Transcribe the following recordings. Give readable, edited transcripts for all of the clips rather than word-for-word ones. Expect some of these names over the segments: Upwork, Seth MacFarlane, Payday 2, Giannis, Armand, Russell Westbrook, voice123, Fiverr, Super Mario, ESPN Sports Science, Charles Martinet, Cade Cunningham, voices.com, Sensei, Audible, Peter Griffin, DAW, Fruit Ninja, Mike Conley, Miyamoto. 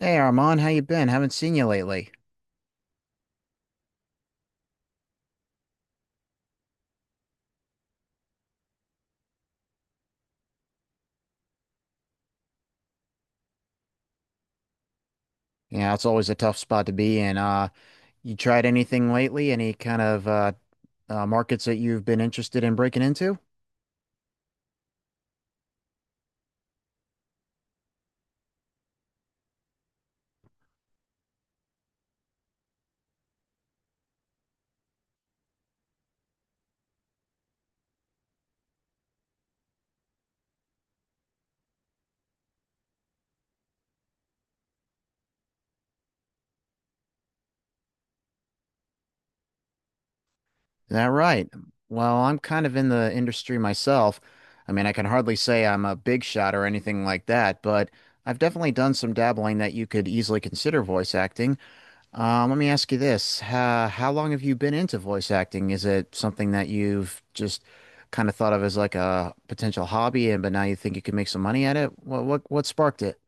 Hey Armand, how you been? Haven't seen you lately. Yeah, it's always a tough spot to be in. You tried anything lately? Any kind of markets that you've been interested in breaking into? Is That right? Well, I'm kind of in the industry myself. I mean, I can hardly say I'm a big shot or anything like that, but I've definitely done some dabbling that you could easily consider voice acting. Let me ask you this. How long have you been into voice acting? Is it something that you've just kind of thought of as like a potential hobby and but now you think you could make some money at it? What sparked it?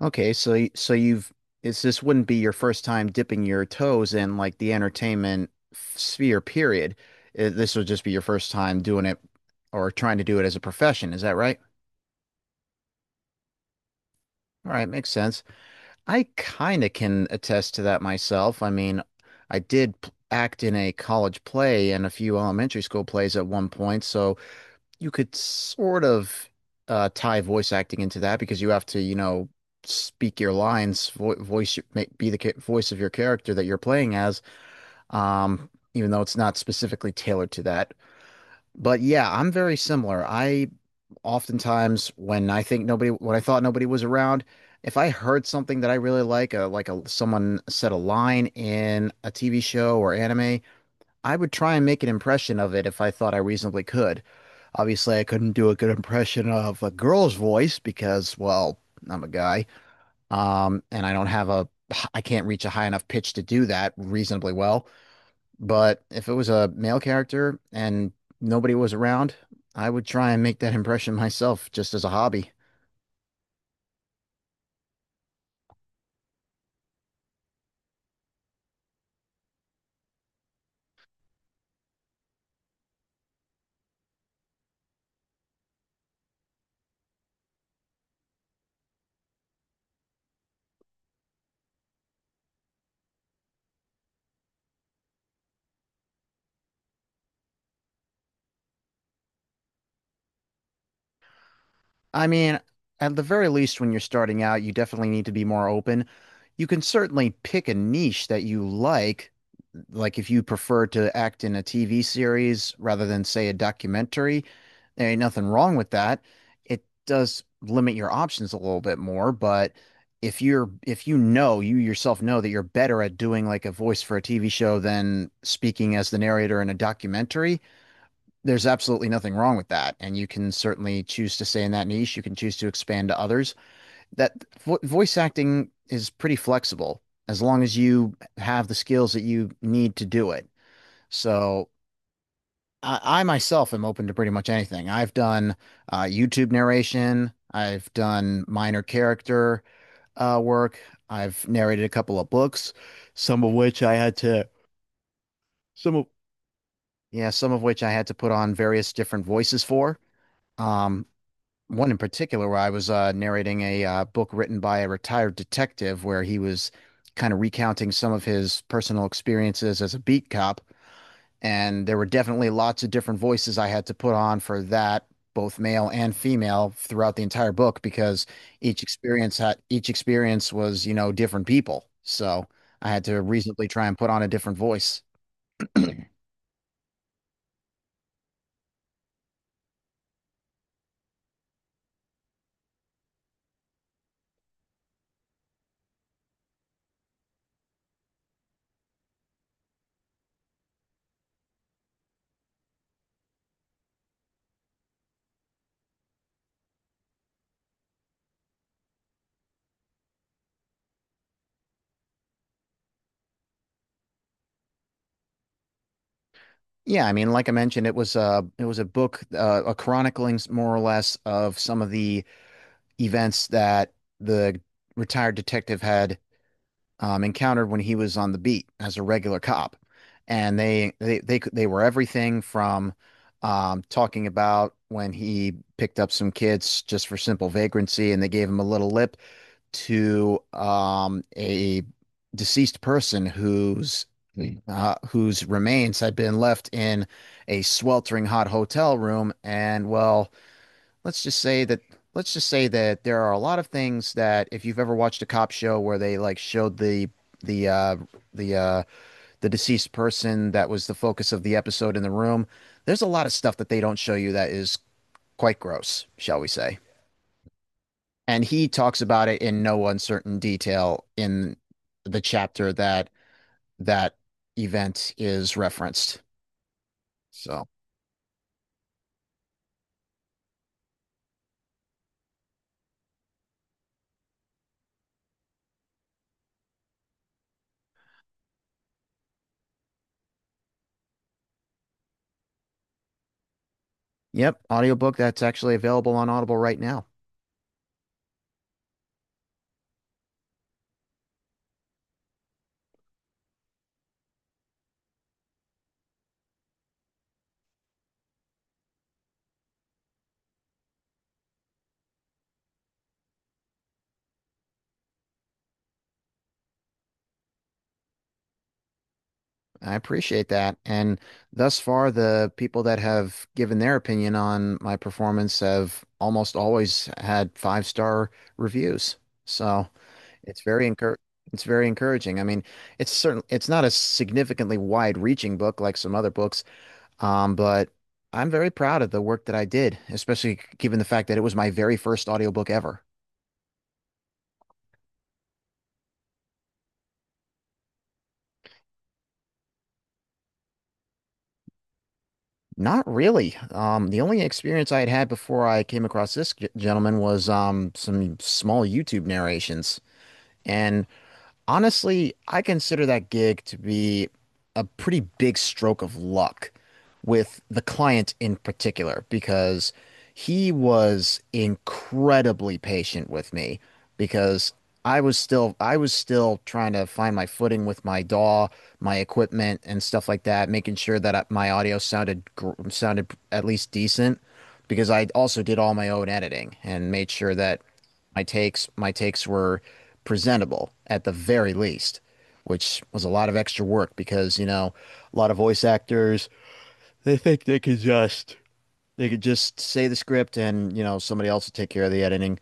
Okay, so you've it's this wouldn't be your first time dipping your toes in like the entertainment sphere period. This would just be your first time doing it or trying to do it as a profession, is that right? All right, makes sense. I kind of can attest to that myself. I mean, I act in a college play and a few elementary school plays at one point, so you could sort of tie voice acting into that because you have to, you know, speak your lines, vo voice, be the ca voice of your character that you're playing as, even though it's not specifically tailored to that. But yeah, I'm very similar. I Oftentimes when I thought nobody was around, if I heard something that I really like a someone said a line in a TV show or anime, I would try and make an impression of it if I thought I reasonably could. Obviously, I couldn't do a good impression of a girl's voice because, well, I'm a guy, and I don't have a, I can't reach a high enough pitch to do that reasonably well. But if it was a male character and nobody was around, I would try and make that impression myself just as a hobby. I mean, at the very least, when you're starting out, you definitely need to be more open. You can certainly pick a niche that you like if you prefer to act in a TV series rather than say a documentary, there ain't nothing wrong with that. It does limit your options a little bit more, but if you know you yourself know that you're better at doing like a voice for a TV show than speaking as the narrator in a documentary, there's absolutely nothing wrong with that. And you can certainly choose to stay in that niche. You can choose to expand to others. That vo Voice acting is pretty flexible as long as you have the skills that you need to do it. So I myself am open to pretty much anything. I've done YouTube narration, I've done minor character work, I've narrated a couple of books, some of which I had to some of yeah, some of which I had to put on various different voices for. Um, One in particular where I was narrating a book written by a retired detective where he was kind of recounting some of his personal experiences as a beat cop. And there were definitely lots of different voices I had to put on for that, both male and female, throughout the entire book because each experience was, you know, different people. So I had to reasonably try and put on a different voice. Yeah, I mean, like I mentioned, it was a book, a chronicling more or less of some of the events that the retired detective had encountered when he was on the beat as a regular cop, and they were everything from talking about when he picked up some kids just for simple vagrancy and they gave him a little lip to a deceased person whose whose remains had been left in a sweltering hot hotel room, and well let's just say that there are a lot of things that if you've ever watched a cop show where they like showed the uh the uh the deceased person that was the focus of the episode in the room, there's a lot of stuff that they don't show you that is quite gross, shall we say. And he talks about it in no uncertain detail in the chapter that that event is referenced. So, yep, audiobook that's actually available on Audible right now. I appreciate that. And thus far, the people that have given their opinion on my performance have almost always had five-star reviews. So it's very encour it's very encouraging. I mean, it's not a significantly wide reaching book like some other books, but I'm very proud of the work that I did, especially given the fact that it was my very first audiobook ever. Not really. The only experience I had had before I came across this gentleman was some small YouTube narrations. And Honestly, I consider that gig to be a pretty big stroke of luck with the client in particular because he was incredibly patient with me because I was still trying to find my footing with my DAW, my equipment and stuff like that, making sure that my audio sounded at least decent because I also did all my own editing and made sure that my takes were presentable at the very least, which was a lot of extra work because, you know, a lot of voice actors, they think they could just say the script and, you know, somebody else will take care of the editing.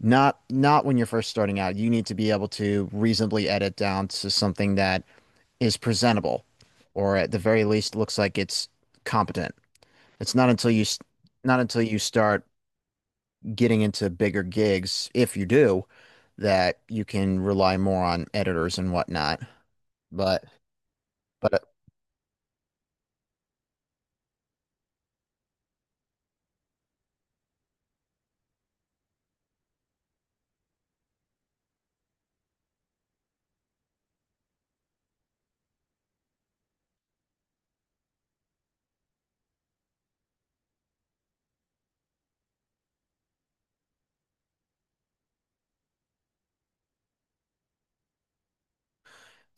Not when you're first starting out. You need to be able to reasonably edit down to something that is presentable or at the very least looks like it's competent. It's not until you Not until you start getting into bigger gigs, if you do, that you can rely more on editors and whatnot. But but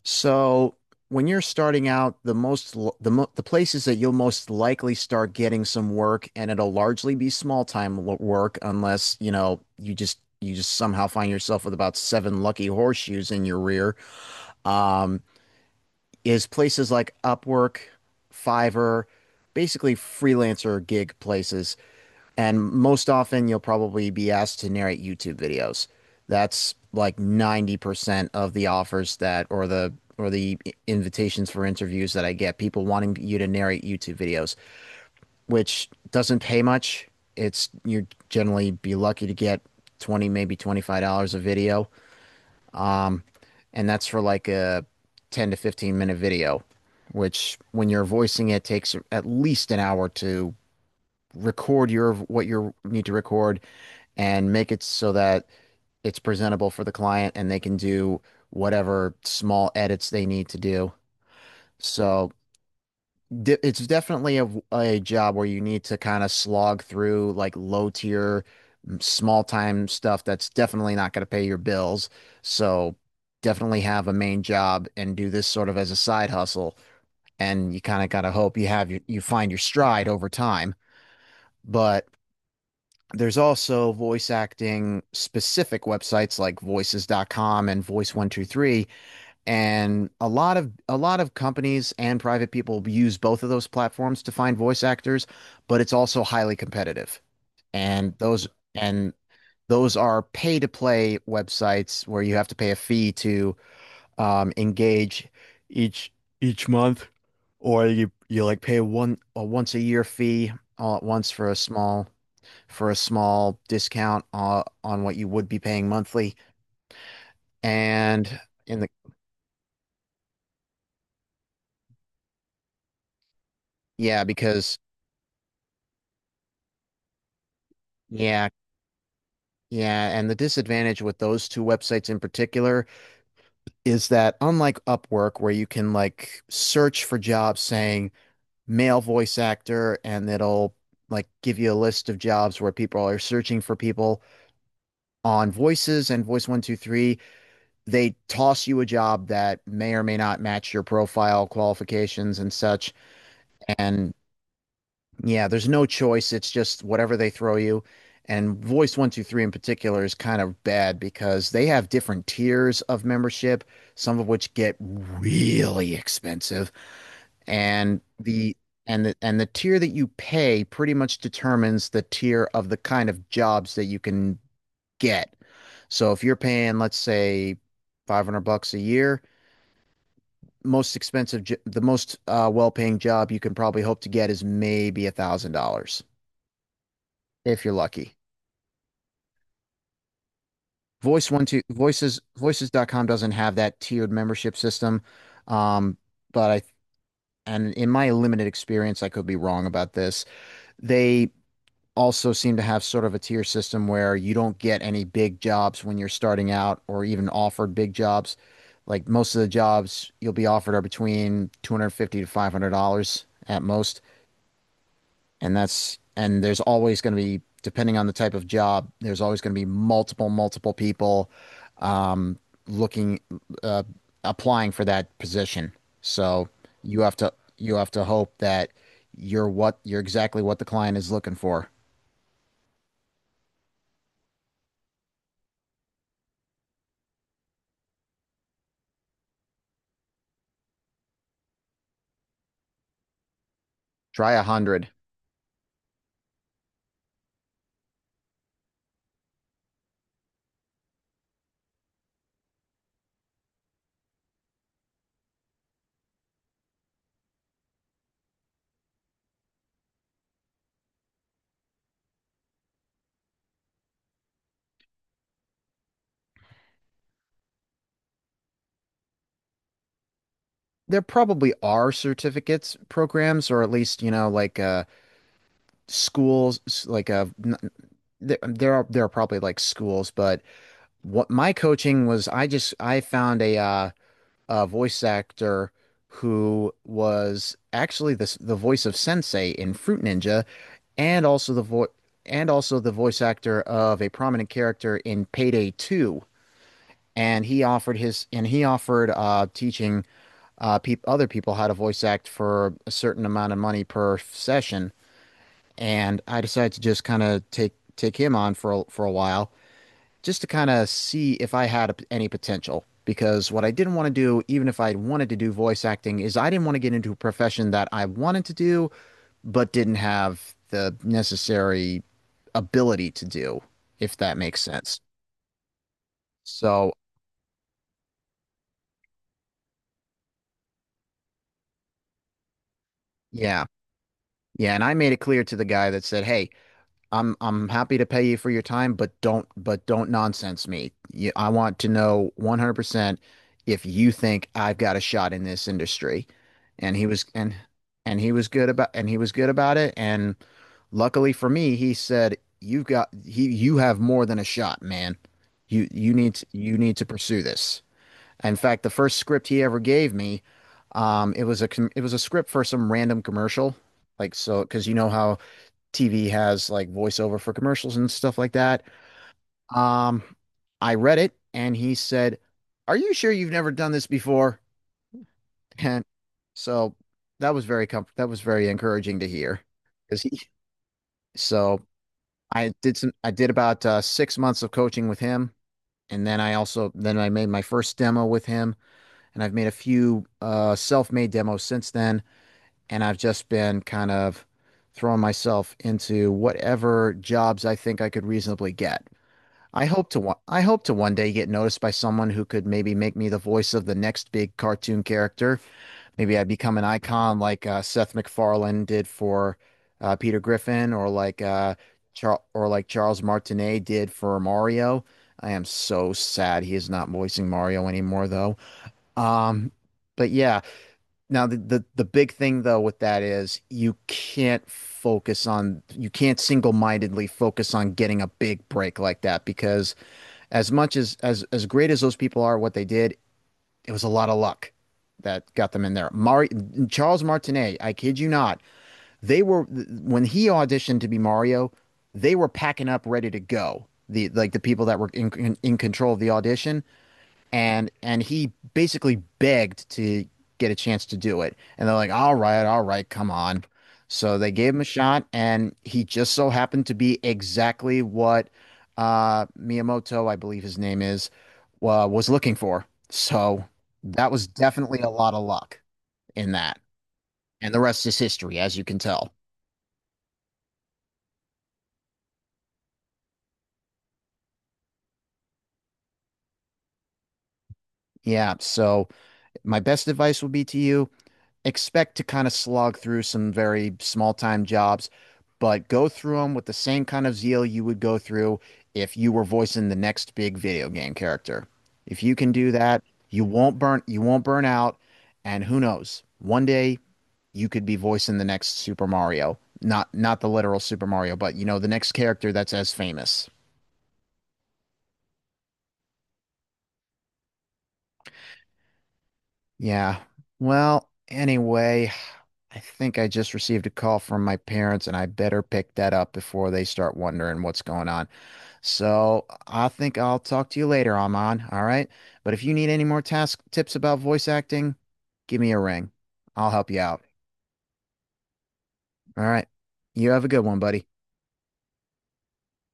So when you're starting out, the most l- the mo the places that you'll most likely start getting some work, and it'll largely be small time work, unless you know you just somehow find yourself with about seven lucky horseshoes in your rear. Um, is places like Upwork, Fiverr, basically freelancer gig places. And most often, you'll probably be asked to narrate YouTube videos. That's like 90% of the offers that, or the invitations for interviews that I get, people wanting you to narrate YouTube videos, which doesn't pay much. You're generally be lucky to get 20, maybe $25 a video. Um, and that's for like a 10 to 15 minute video, which when you're voicing it takes at least an hour to what you need to record and make it so that it's presentable for the client and they can do whatever small edits they need to do. So it's definitely a job where you need to kind of slog through like low tier, small time stuff that's definitely not going to pay your bills. So definitely have a main job and do this sort of as a side hustle. And you kind of got to hope you find your stride over time. But There's also voice acting specific websites like voices.com and voice123 and a lot of companies and private people use both of those platforms to find voice actors, but it's also highly competitive. And those and those are pay to play websites where you have to pay a fee to engage each each month or you like pay one a once a year fee all at once for a small discount on what you would be paying monthly. And in the Yeah, because yeah, yeah, and the disadvantage with those two websites in particular is that unlike Upwork, where you can like search for jobs saying male voice actor and it'll like give you a list of jobs where people are searching for people, on voices and voice 123 they toss you a job that may or may not match your profile qualifications and such. And Yeah, there's no choice. It's just whatever they throw you. And Voice 123 in particular is kind of bad because they have different tiers of membership, some of which get really expensive. And the and the tier that you pay pretty much determines the tier of the kind of jobs that you can get. So if you're paying, let's say, $500 a year, most expensive, the most well-paying job you can probably hope to get is maybe $1,000 if you're lucky. Voice one two voices voices.com doesn't have that tiered membership system. Um, but I and in my limited experience, I could be wrong about this. They also seem to have sort of a tier system where you don't get any big jobs when you're starting out or even offered big jobs. Like most of the jobs you'll be offered are between 250 to $500 at most. And that's, and there's always going to be, depending on the type of job, there's always going to be multiple people um, looking, uh, applying for that position. So you have to, you have to hope that you're exactly what the client is looking for. Try a hundred. There probably are certificates programs, or at least, you know, like schools, like a, there, there are probably like schools, but what my coaching was, I found a voice actor who was actually the voice of Sensei in Fruit Ninja, and also the vo and also the voice actor of a prominent character in Payday 2. And he offered teaching peop other people how to voice act for a certain amount of money per session. And I decided to just kind of take him on for for a while, just to kind of see if I had any potential. Because what I didn't want to do, even if I wanted to do voice acting, is I didn't want to get into a profession that I wanted to do, but didn't have the necessary ability to do, if that makes sense. So, yeah. Yeah. And I made it clear to the guy that said, "Hey, I'm happy to pay you for your time, but don't nonsense me. You, I want to know 100% if you think I've got a shot in this industry." And he was and and he was good about and he was good about it. And luckily for me, he said, "You've got he you have more than a shot, man. You need to pursue this." In fact, the first script he ever gave me, it was a script for some random commercial. Like so, because you know how TV has like voiceover for commercials and stuff like that. Um, I read it and he said, "Are you sure you've never done this before?" And so that was very com that was very encouraging to hear because he so I did some I did about 6 months of coaching with him, and then I also then I made my first demo with him, and I've made a few self-made demos since then, and I've just been kind of throwing myself into whatever jobs I think I could reasonably get. I hope to one day get noticed by someone who could maybe make me the voice of the next big cartoon character. Maybe I become an icon like Seth MacFarlane did for Peter Griffin, or like Char or like Charles Martinet did for Mario. I am so sad he is not voicing Mario anymore, though. Um, but yeah, now the big thing though with that is you can't single-mindedly focus on getting a big break like that, because as great as those people are, what they did, it was a lot of luck that got them in there. Mari Charles Martinet, I kid you not, they were when he auditioned to be Mario, they were packing up ready to go. The, like the people that were in control of the audition, and he basically begged to get a chance to do it. And they're like, all right, come on." So they gave him a shot, and he just so happened to be exactly what Miyamoto, I believe his name is, wa was looking for. So that was definitely a lot of luck in that. And the rest is history, as you can tell. Yeah, so my best advice would be to you: expect to kind of slog through some very small time jobs, but go through them with the same kind of zeal you would go through if you were voicing the next big video game character. If you can do that, you won't burn out, and who knows, one day you could be voicing the next Super Mario. Not the literal Super Mario, but you know, the next character that's as famous. Yeah. Well, anyway, I think I just received a call from my parents, and I better pick that up before they start wondering what's going on. So I think I'll talk to you later, Aman. All right. But if you need any more task tips about voice acting, give me a ring. I'll help you out. All right. You have a good one, buddy.